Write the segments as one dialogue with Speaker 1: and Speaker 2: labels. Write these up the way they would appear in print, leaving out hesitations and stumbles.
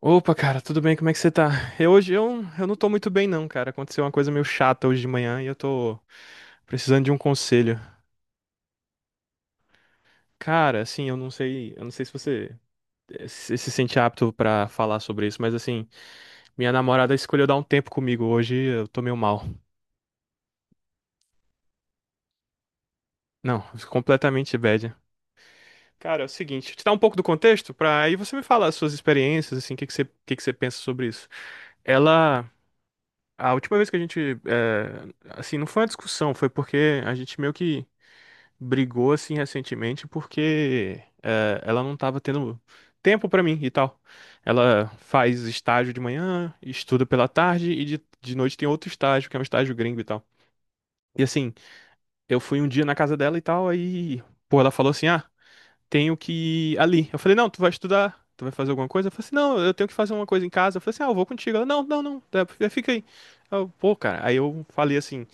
Speaker 1: Opa, cara, tudo bem? Como é que você tá? Eu hoje eu não tô muito bem não, cara. Aconteceu uma coisa meio chata hoje de manhã e eu tô precisando de um conselho. Cara, assim, eu não sei se você se sente apto pra falar sobre isso, mas assim, minha namorada escolheu dar um tempo comigo hoje, e eu tô meio mal. Não, completamente bad. Cara, é o seguinte, deixa eu te dar um pouco do contexto pra aí você me falar as suas experiências, assim, o que que você pensa sobre isso. Ela, a última vez que a gente, assim, não foi uma discussão, foi porque a gente meio que brigou assim recentemente porque ela não estava tendo tempo para mim e tal. Ela faz estágio de manhã, estuda pela tarde e de noite tem outro estágio, que é um estágio gringo e tal. E assim, eu fui um dia na casa dela e tal, aí, pô, ela falou assim: ah, tenho que ir ali. Eu falei: não, tu vai estudar. Tu vai fazer alguma coisa? Eu falei assim, não, eu tenho que fazer uma coisa em casa. Eu falei assim, ah, eu vou contigo. Ela, não, não, não, tá, fica aí. Eu, pô, cara, aí eu falei assim,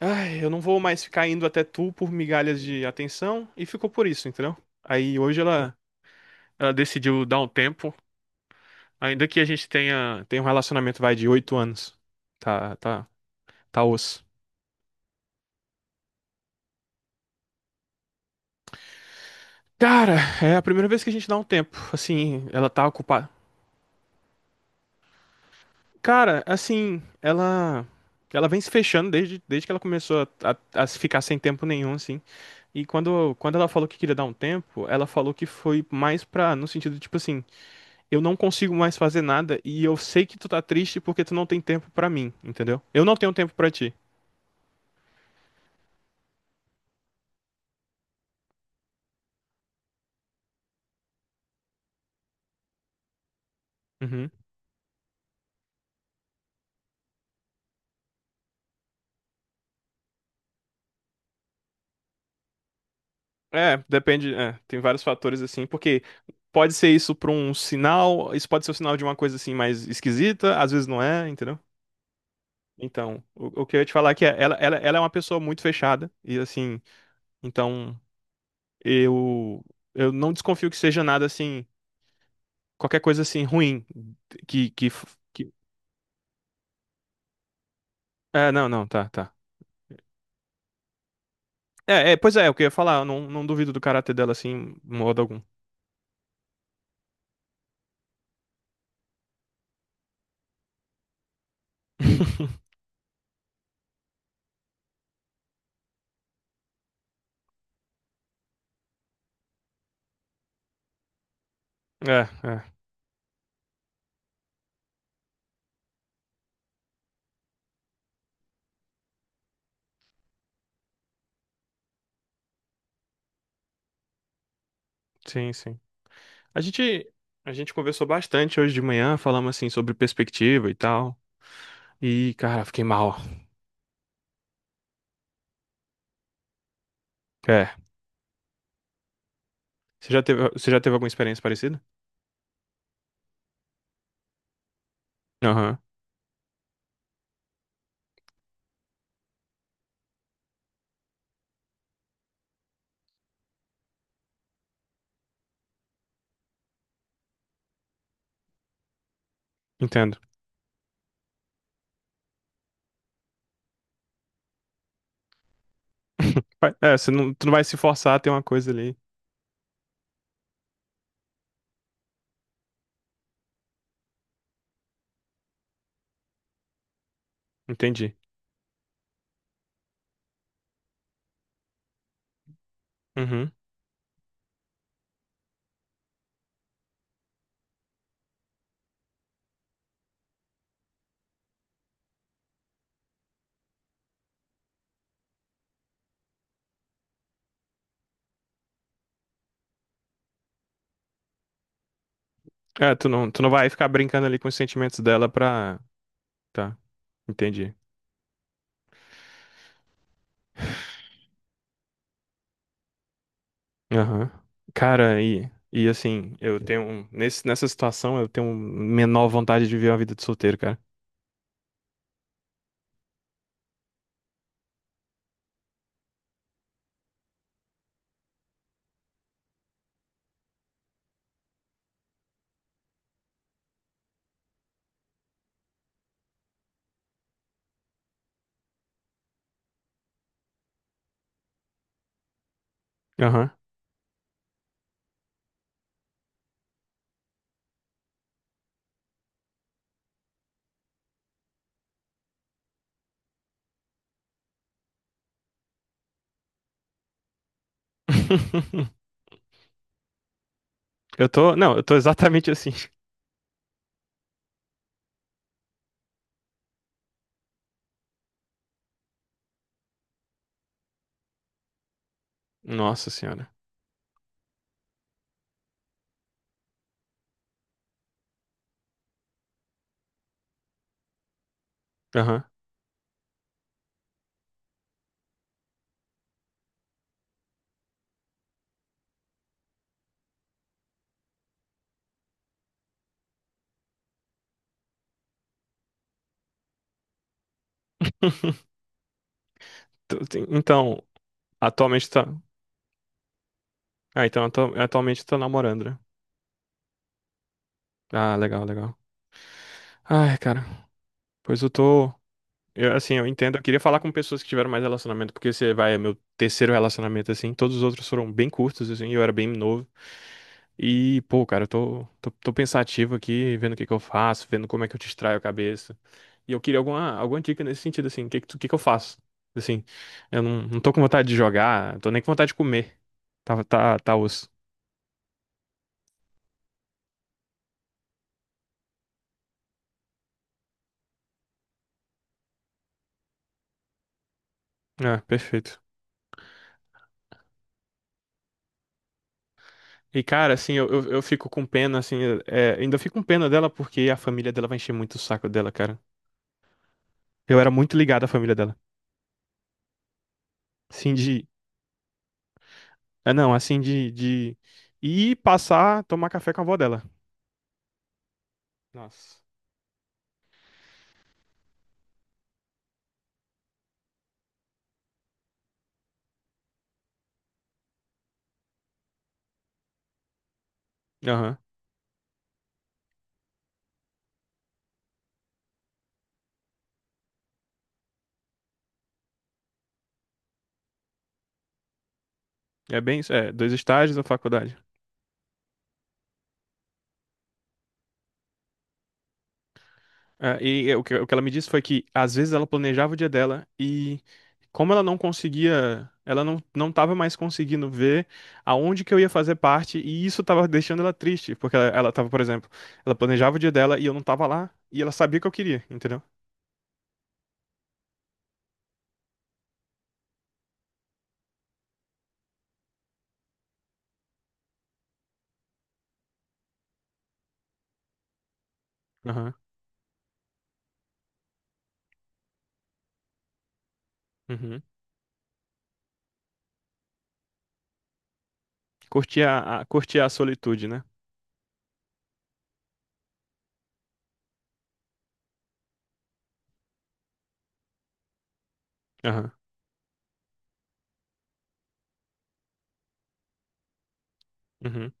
Speaker 1: ai, eu não vou mais ficar indo até tu por migalhas de atenção. E ficou por isso, entendeu? Aí hoje ela decidiu dar um tempo. Ainda que a gente tenha um relacionamento, vai, de 8 anos. Tá, tá, tá osso. Cara, é a primeira vez que a gente dá um tempo. Assim, ela tá ocupada. Cara, assim, ela vem se fechando desde que ela começou a ficar sem tempo nenhum, assim. E quando ela falou que queria dar um tempo, ela falou que foi mais pra, no sentido, tipo assim, eu não consigo mais fazer nada e eu sei que tu tá triste porque tu não tem tempo pra mim, entendeu? Eu não tenho tempo pra ti. Uhum. É, depende, é, tem vários fatores assim, porque pode ser isso pra um sinal, isso pode ser o sinal de uma coisa assim mais esquisita, às vezes não é, entendeu? Então, o que eu ia te falar é que é, ela é uma pessoa muito fechada e assim, então eu eu não desconfio que seja nada assim, qualquer coisa assim ruim que que, que... É, não, não, tá, tá. É, é, pois é, é o que eu ia falar, eu não duvido do caráter dela assim, em modo algum. É, é, sim, sim. A gente, a gente conversou bastante hoje de manhã, falamos assim sobre perspectiva e tal. E, cara, fiquei mal. É. Você já teve alguma experiência parecida? Aham, entendo. É, você não, tu não vai se forçar a ter uma coisa ali. Entendi. Uhum. É, tu não vai ficar brincando ali com os sentimentos dela pra. Tá, entendi. Aham. Cara, e assim, Nessa situação, eu tenho menor vontade de viver uma vida de solteiro, cara. Aham. Eu tô. Não, eu tô exatamente assim. Nossa senhora. Aham. Então, atualmente tá. Ah, então atualmente tá namorando, né? Ah, legal, legal. Ai, cara. Pois eu tô. Eu, assim, eu entendo. Eu queria falar com pessoas que tiveram mais relacionamento, porque você vai, é meu terceiro relacionamento, assim. Todos os outros foram bem curtos, assim, eu era bem novo. E, pô, cara, eu tô pensativo aqui, vendo o que que eu faço, vendo como é que eu distraio a cabeça. E eu queria alguma dica nesse sentido, assim, o que que eu faço? Assim, eu não tô com vontade de jogar, tô nem com vontade de comer. Tá, tá, tá osso. É, perfeito. E, cara, assim, eu fico com pena, assim, é, ainda fico com pena dela porque a família dela vai encher muito o saco dela, cara. Eu era muito ligado à família dela. Assim de. É, não, assim de ir passar, tomar café com a avó dela. Nossa. Aham. É bem isso. É, dois estágios na faculdade. É, e é, o que ela me disse foi que às vezes ela planejava o dia dela e como ela não conseguia, ela não estava mais conseguindo ver aonde que eu ia fazer parte e isso estava deixando ela triste, porque ela tava, por exemplo, ela planejava o dia dela e eu não tava lá e ela sabia que eu queria, entendeu? Aham. Uhum. Curtia a solitude, né? Aham. Uhum.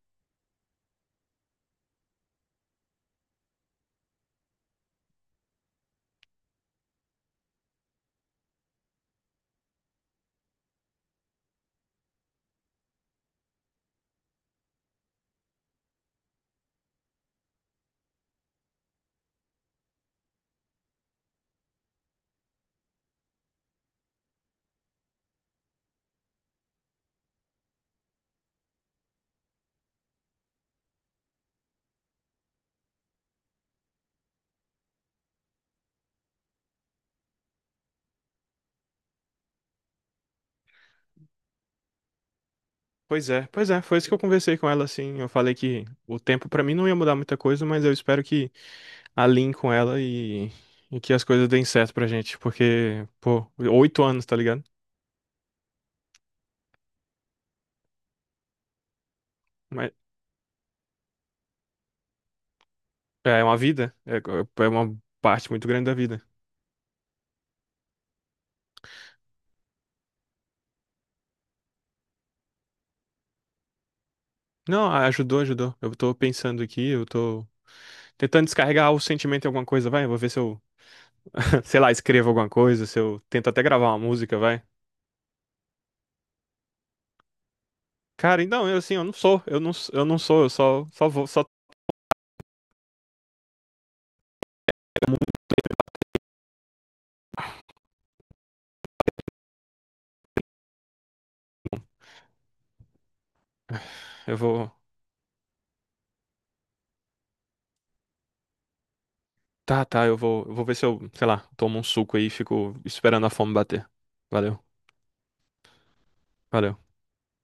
Speaker 1: Pois é, foi isso que eu conversei com ela assim. Eu falei que o tempo pra mim não ia mudar muita coisa, mas eu espero que alinhe com ela e que as coisas deem certo pra gente, porque, pô, 8 anos, tá ligado? Mas é uma vida, é uma parte muito grande da vida. Não, ajudou, ajudou. Eu tô pensando aqui, eu tô tentando descarregar o sentimento em alguma coisa, vai. Eu vou ver se eu, sei lá, escrevo alguma coisa, se eu tento até gravar uma música, vai. Cara, então, eu assim, eu não sou, eu só, só vou, só eu vou. Tá, tá, eu vou ver se eu, sei lá, tomo um suco aí e fico esperando a fome bater. Valeu, valeu.